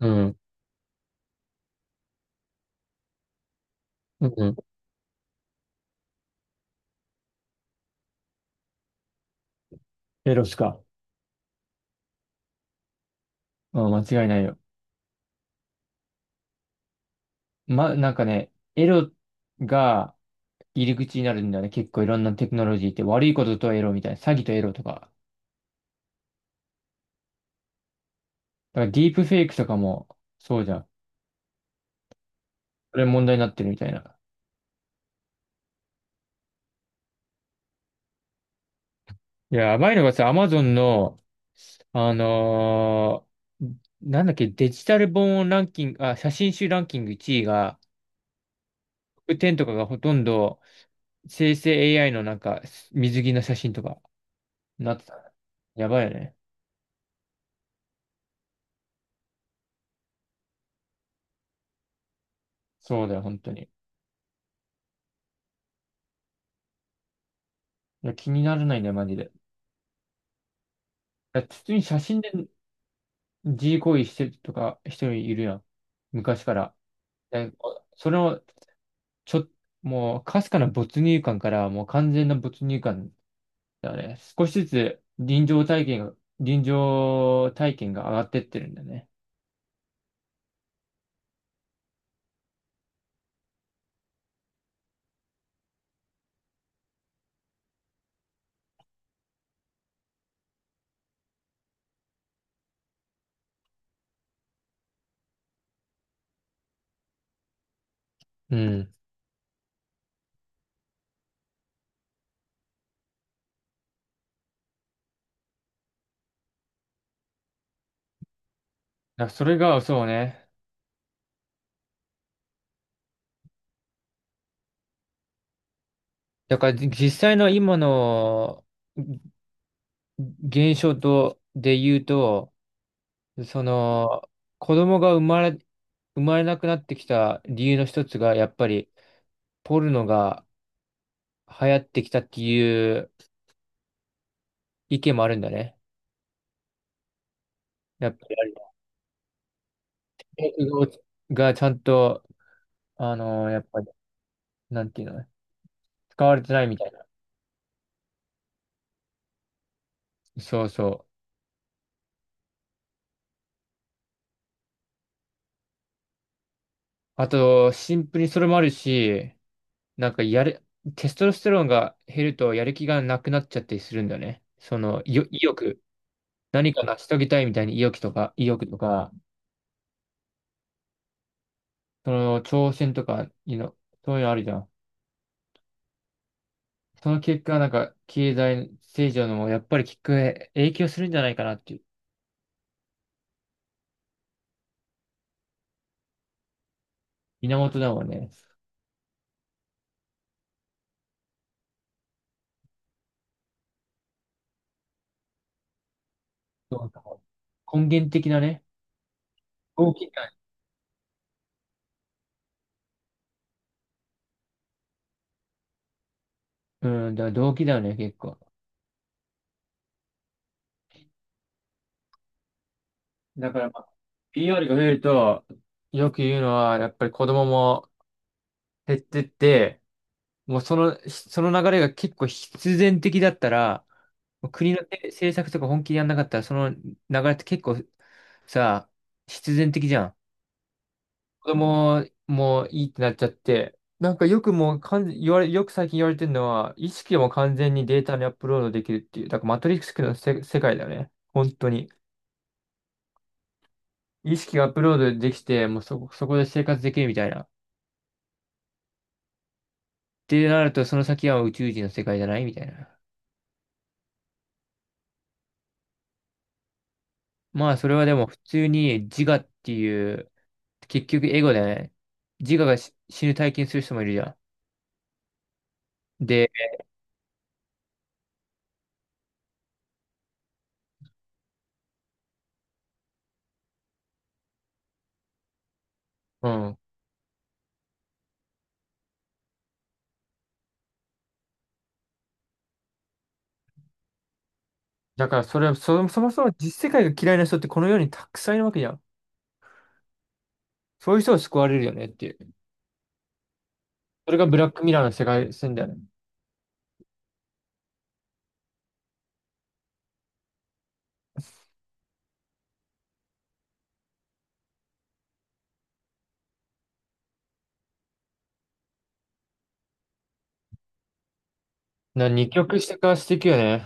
うん、うん。エロしか。うん、間違いないよ。エロが入り口になるんだよね。結構いろんなテクノロジーって悪いこととエロみたいな。詐欺とエロとか。だからディープフェイクとかもそうじゃん。それ問題になってるみたいな。いや、やばいのがさ、アマゾンの、あのーなんだっけ、デジタル本ランキング、あ、写真集ランキング1位が、10とかがほとんど生成 AI のなんか水着の写真とかなってた。やばいよね。そうだよ、本当に。いや、気にならないね、マジで。いや、普通に写真で G 行為してるとか人いるやん。昔から。でそれを、ちょ、もう、かすかな没入感から、もう完全な没入感だよね。少しずつ臨場体験が、臨場体験が上がってってるんだよね。うん。だからそれが、そうね。だから、実際の今の現象と、で言うと、その、子供が生まれ、生まれなくなってきた理由の一つが、やっぱり、ポルノが流行ってきたっていう意見もあるんだね。やっぱり、がちゃんと、やっぱり、なんていうのね、使われてないみたいな。そうそう。あと、シンプルにそれもあるし、なんか、やる、テストロステロンが減ると、やる気がなくなっちゃったりするんだよね。その、意欲。何か成し遂げたいみたいに意欲とか、その、挑戦とか、そういうのあるじゃん。その結果、なんか、経済成長のも、やっぱり結果、影響するんじゃないかなっていう、源だもんね。そうか根源的なね。動機だ。うん、だから動機だよね、結構。だから、まあ、PR が増えると、よく言うのは、やっぱり子供も減ってって、もうその、その流れが結構必然的だったら、もう国の政策とか本気でやんなかったら、その流れって結構さ、必然的じゃん。子供もいいってなっちゃって、なんかよくもう完全、言われ、よく最近言われてるのは、意識も完全にデータにアップロードできるっていう、だからマトリックスの世界だよね。本当に。意識がアップロードできて、もうそこ、そこで生活できるみたいな。ってなると、その先は宇宙人の世界じゃないみたいな。まあ、それはでも普通に自我っていう、結局エゴだよね。自我が死ぬ体験する人もいるじゃん。で、うん。だからそれは、そもそも実世界が嫌いな人ってこの世にたくさんいるわけじゃん。そういう人を救われるよねっていう。それがブラックミラーの世界線だよね。二極化していくよね。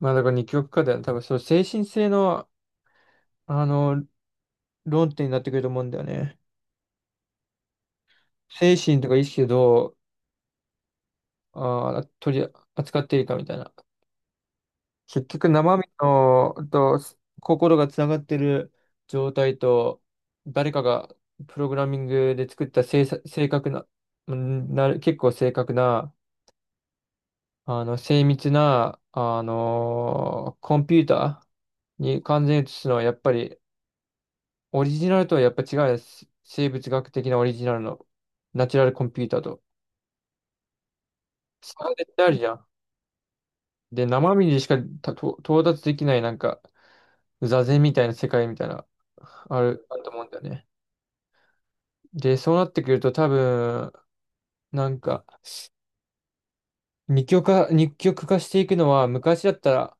まあだから二極化だよね。多分そう、精神性の、あの、論点になってくると思うんだよね。精神とか意識をどう、あー、取り扱っているかみたいな。結局生身の、と、心がつながってる状態と、誰かがプログラミングで作った正確な、うんなる、結構正確な、あの、精密な、コンピューターに完全に移すのは、やっぱり、オリジナルとはやっぱ違うです。生物学的なオリジナルの、ナチュラルコンピューターと。差が絶対あるじゃん。で、生身でしかたと到達できない、なんか、座禅みたいな世界みたいな、あると思うんだよね。で、そうなってくると、多分、なんか、二極化していくのは、昔だったら、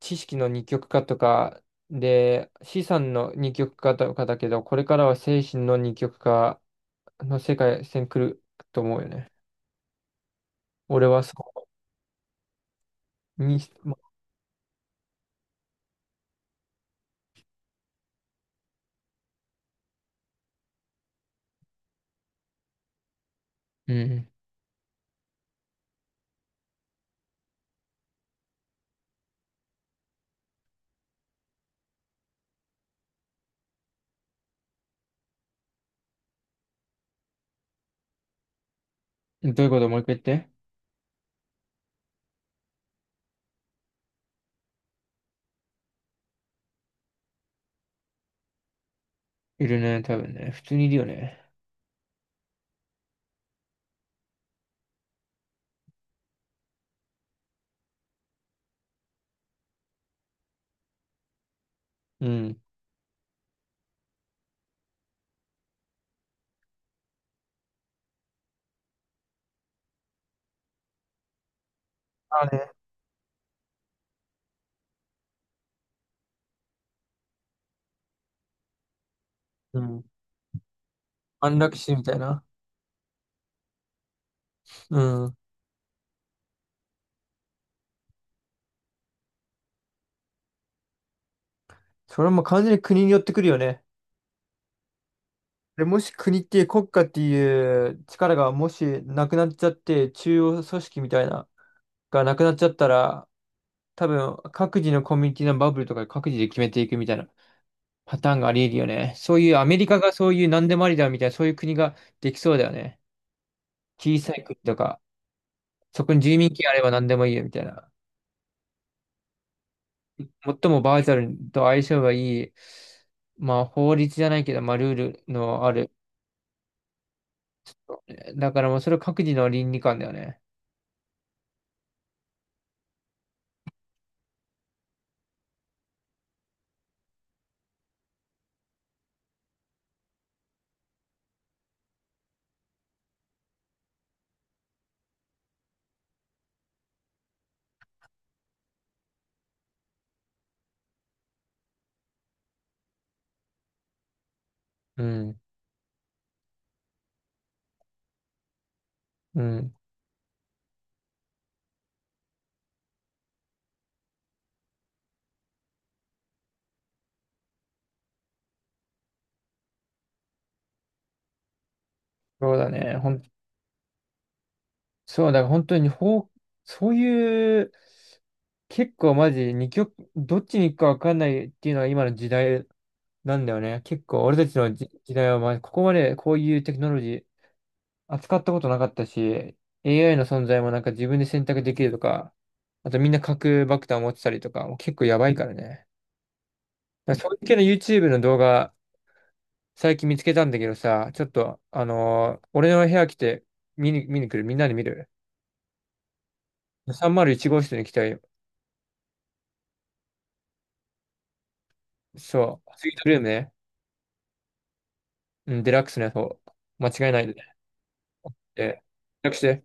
知識の二極化とか、で、資産の二極化とかだけど、これからは精神の二極化の世界線来ると思うよね。俺はそこに、まうん。どういうこともう一回言って。いるね、多分ね。普通にいるよね。うん。まあね。うん。安楽死みたいな。うん。それも完全に国によってくるよね。で、もし国っていう国家っていう力がもしなくなっちゃって、中央組織みたいな、がなくなっちゃったら、多分、各自のコミュニティのバブルとかで各自で決めていくみたいなパターンがあり得るよね。そういうアメリカがそういう何でもありだみたいな、そういう国ができそうだよね。小さい国とか、そこに住民権あれば何でもいいよみたいな。最もバーチャルと相性がいい、まあ法律じゃないけど、まあルールのある。だからもうそれは各自の倫理観だよね。うん、うん。そうだね。そう、だから本当にそういう、結構マジ、二極、どっちに行くか分かんないっていうのは今の時代なんだよね。結構俺たちの時代は、まあ、ここまでこういうテクノロジー扱ったことなかったし、AI の存在もなんか自分で選択できるとか、あとみんな核爆弾を持ってたりとか、もう結構やばいからね。だからそういう系の YouTube の動画、最近見つけたんだけどさ、ちょっと、あのー俺の部屋来て見に来るみんなで見る ?301 号室に来たよそう。スイートルームね。うん、デラックスのやつを。間違いないで。で、予約して。